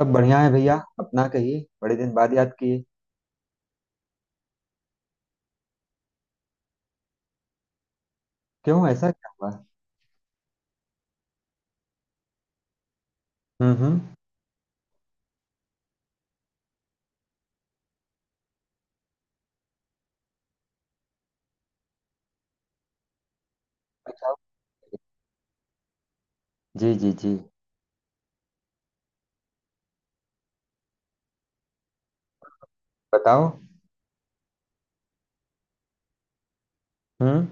सब बढ़िया है भैया। अपना कहिए, बड़े दिन बाद याद किए। क्यों, ऐसा क्या हुआ। हम्म। बताओ। जी जी जी। बताओ। हम्म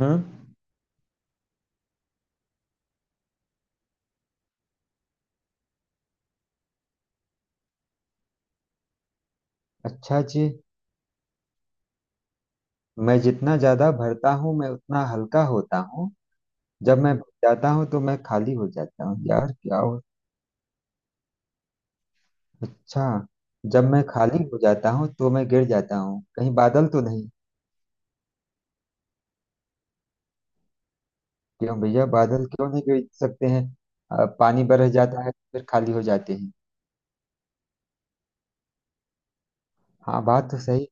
हम्म। अच्छा जी। मैं जितना ज्यादा भरता हूँ मैं उतना हल्का होता हूँ। जब मैं भर जाता हूँ तो मैं खाली हो जाता हूँ, यार क्या हो। अच्छा। जब मैं खाली हो जाता हूँ तो मैं गिर जाता हूँ, कहीं बादल तो नहीं। क्यों भैया, बादल क्यों नहीं गिर सकते हैं। पानी बरस जाता है तो फिर खाली हो जाते हैं। हाँ बात तो सही।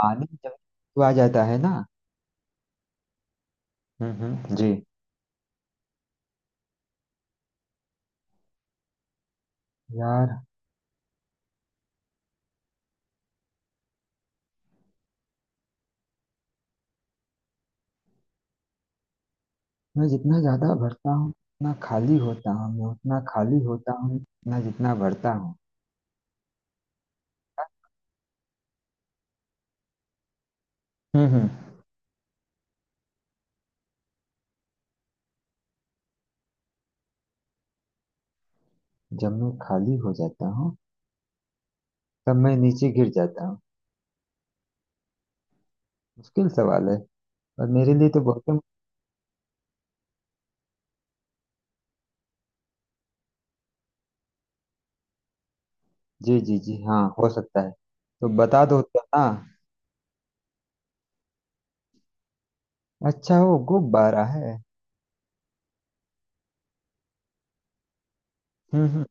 पानी जब तो आ जाता है ना। जी। यार, मैं जितना ज्यादा भरता हूँ उतना खाली होता हूँ, मैं उतना खाली होता हूँ मैं जितना भरता हूँ। हम्म। जब मैं खाली हो जाता हूँ तब मैं नीचे गिर जाता हूँ। मुश्किल सवाल है। और मेरे लिए तो बहुत ही-। जी जी जी, हाँ हो सकता है। तो बता दो तो। हाँ। अच्छा, वो गुब्बारा है। हम्म हम्म।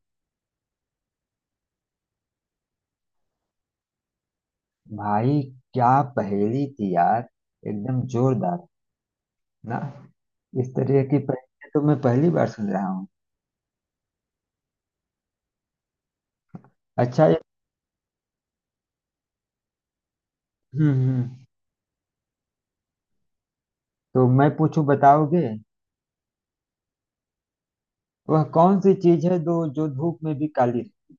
भाई क्या पहेली थी यार, एकदम जोरदार। ना। इस तरह की पहेली तो मैं पहली बार सुन रहा हूँ। अच्छा ये। हम्म। तो मैं पूछूं, बताओगे। वह कौन सी चीज है दो जो धूप में भी काली रहती है?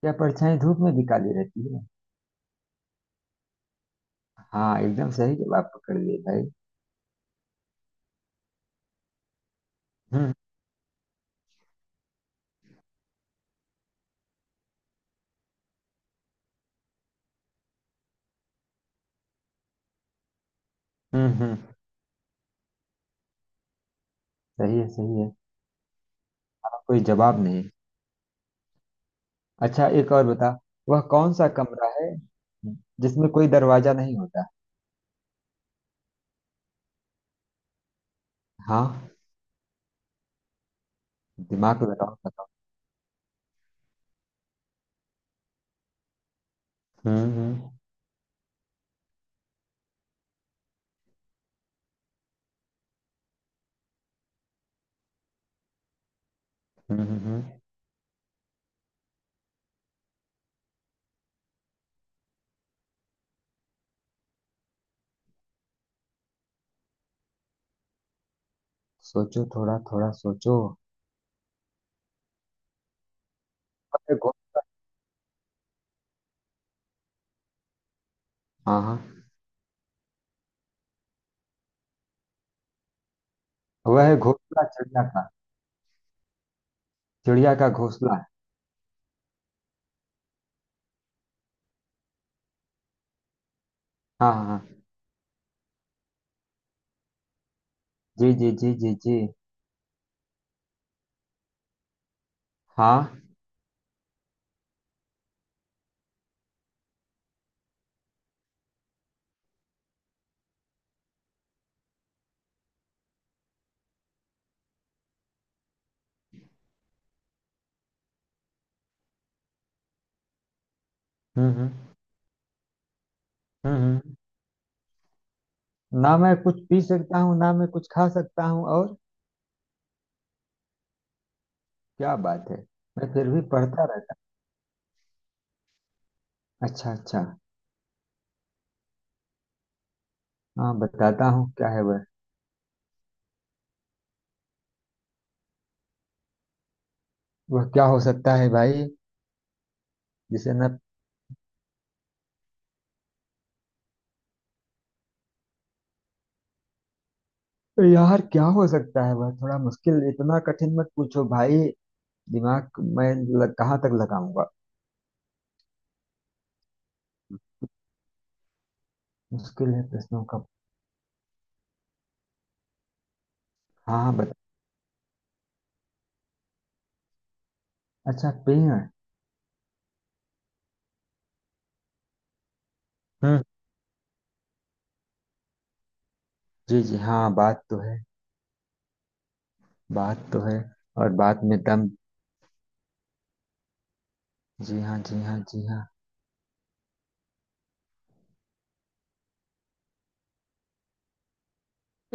क्या परछाई धूप में भी काली रहती है। हाँ एकदम सही जवाब पकड़ लिए भाई। हम्म हम्म। सही है सही है। हाँ, कोई जवाब नहीं। अच्छा एक और बता। वह कौन सा कमरा है जिसमें कोई दरवाजा नहीं होता। हाँ। दिमाग लगाओ, बताओ। हम्म। हम्म हम्म, हम्म। सोचो, थोड़ा थोड़ा सोचो। वह घो-। हाँ हाँ। वह है घोंसला चिड़िया का। चिड़िया का घोंसला। हाँ हाँ हाँ। जी जी जी जी जी। हाँ। हम्म। हम्म। हम्म। ना मैं कुछ पी सकता हूँ ना मैं कुछ खा सकता हूँ और। क्या बात है। मैं फिर भी पढ़ता रहता हूँ। अच्छा अच्छा। हाँ, बताता हूँ क्या है वह। वह क्या हो सकता है भाई। जिसे न। यार क्या हो सकता है वह, थोड़ा मुश्किल, इतना कठिन मत पूछो भाई। दिमाग मैं लग, कहाँ तक लगाऊंगा। मुश्किल है प्रश्नों का। हाँ हाँ बता। अच्छा, पेड़। हम्म। जी जी, हाँ बात तो है। बात तो है। और बात में दम। जी हाँ जी हाँ जी हाँ।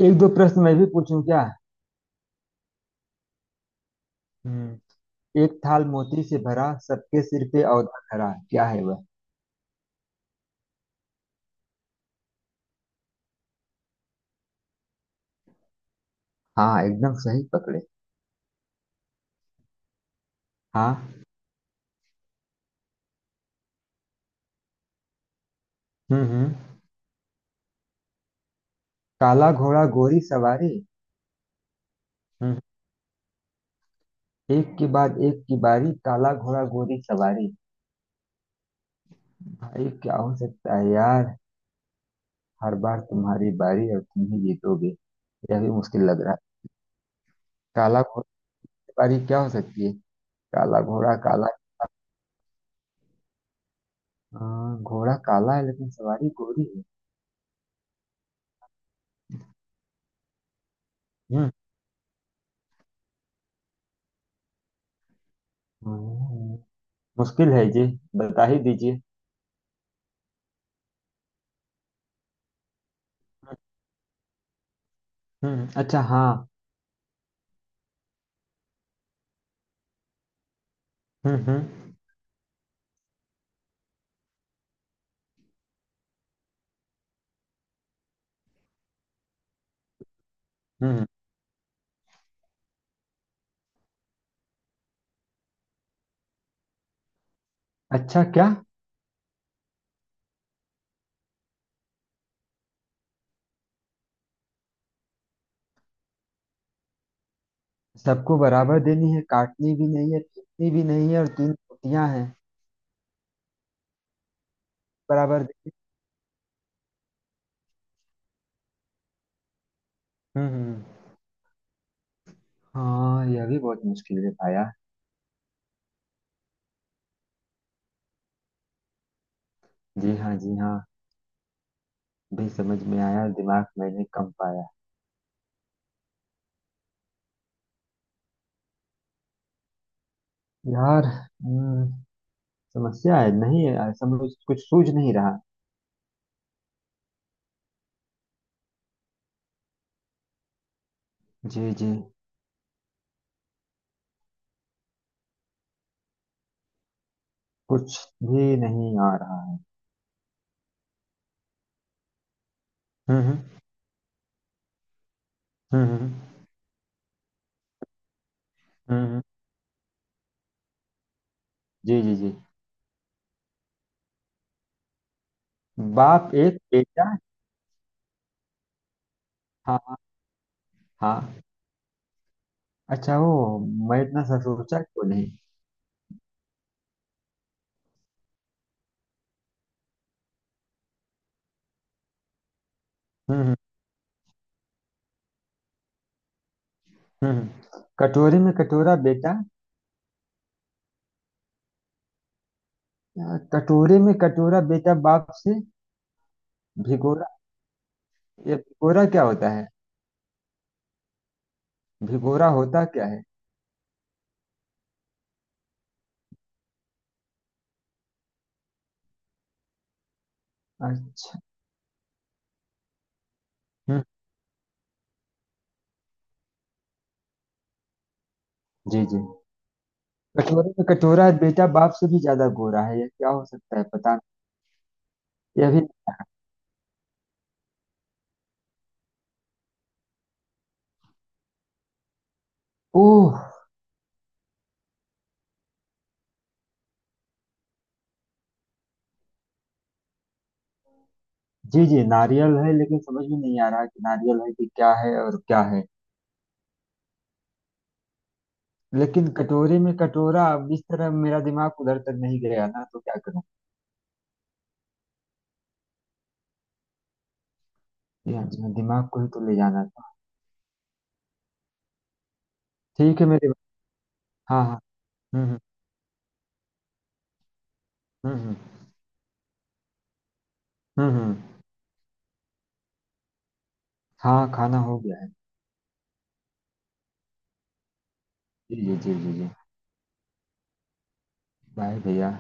एक दो प्रश्न मैं भी पूछूं क्या। हम्म। एक थाल मोती से भरा, सबके सिर पे औंधा धरा, क्या है वह। हाँ एकदम सही पकड़े। हाँ। हम्म। काला घोड़ा गोरी सवारी। हम्म। एक के बाद एक की बारी, काला घोड़ा गोरी सवारी। भाई क्या हो सकता है यार। हर बार तुम्हारी बारी और तुम ही जीतोगे। यह भी मुश्किल लग रहा है। काला घोड़ा की बारी क्या हो सकती है। काला घोड़ा काला। हाँ, घोड़ा काला है लेकिन सवारी गोरी है। हम्म हम्म, हम्म। मुश्किल है जी, बता ही दीजिए। अच्छा हाँ। हम्म। हम्म। अच्छा क्या। सबको बराबर देनी है, काटनी भी नहीं है, पीटनी भी नहीं है, और तीन रोटियां हैं। बराबर दे-। हम्म हम्म। हाँ यह भी बहुत मुश्किल है पाया। जी हाँ जी हाँ। भी समझ में आया और दिमाग मैंने कम पाया। यार समस्या है, नहीं है ऐसा, मुझे कुछ सूझ नहीं रहा। जी जी। कुछ भी नहीं आ रहा। हम्म। हम्म हम्म, हम्म। जी जी जी। बाप एक, बेटा। हाँ हाँ। अच्छा वो, मैं इतना सा सोचा क्यों नहीं। हम्म। हम्म हम्म, कटोरे में कटोरा बेटा। कटोरे में कटोरा बेटा बाप से भिगोरा। ये भिगोरा क्या होता है। भिगोरा होता क्या है। अच्छा। हम्म। जी जी। कटोरे में कटोरा बेटा बाप से भी ज्यादा गोरा है, ये क्या हो सकता है पता नहीं। ये भी। ओह। जी जी, नारियल है लेकिन समझ में नहीं आ रहा कि नारियल है कि क्या है और क्या है। लेकिन कटोरे में कटोरा अब इस तरह मेरा दिमाग उधर तक नहीं गया ना, तो क्या करूं। ये दिमाग को ही तो ले जाना था। ठीक है मेरे। हाँ हाँ। हम्म हम्म। हुँ, हुँ, हुँ, हुँ। हाँ, खाना हो गया है। जी, जी, जी, जी, जी। बाय भैया।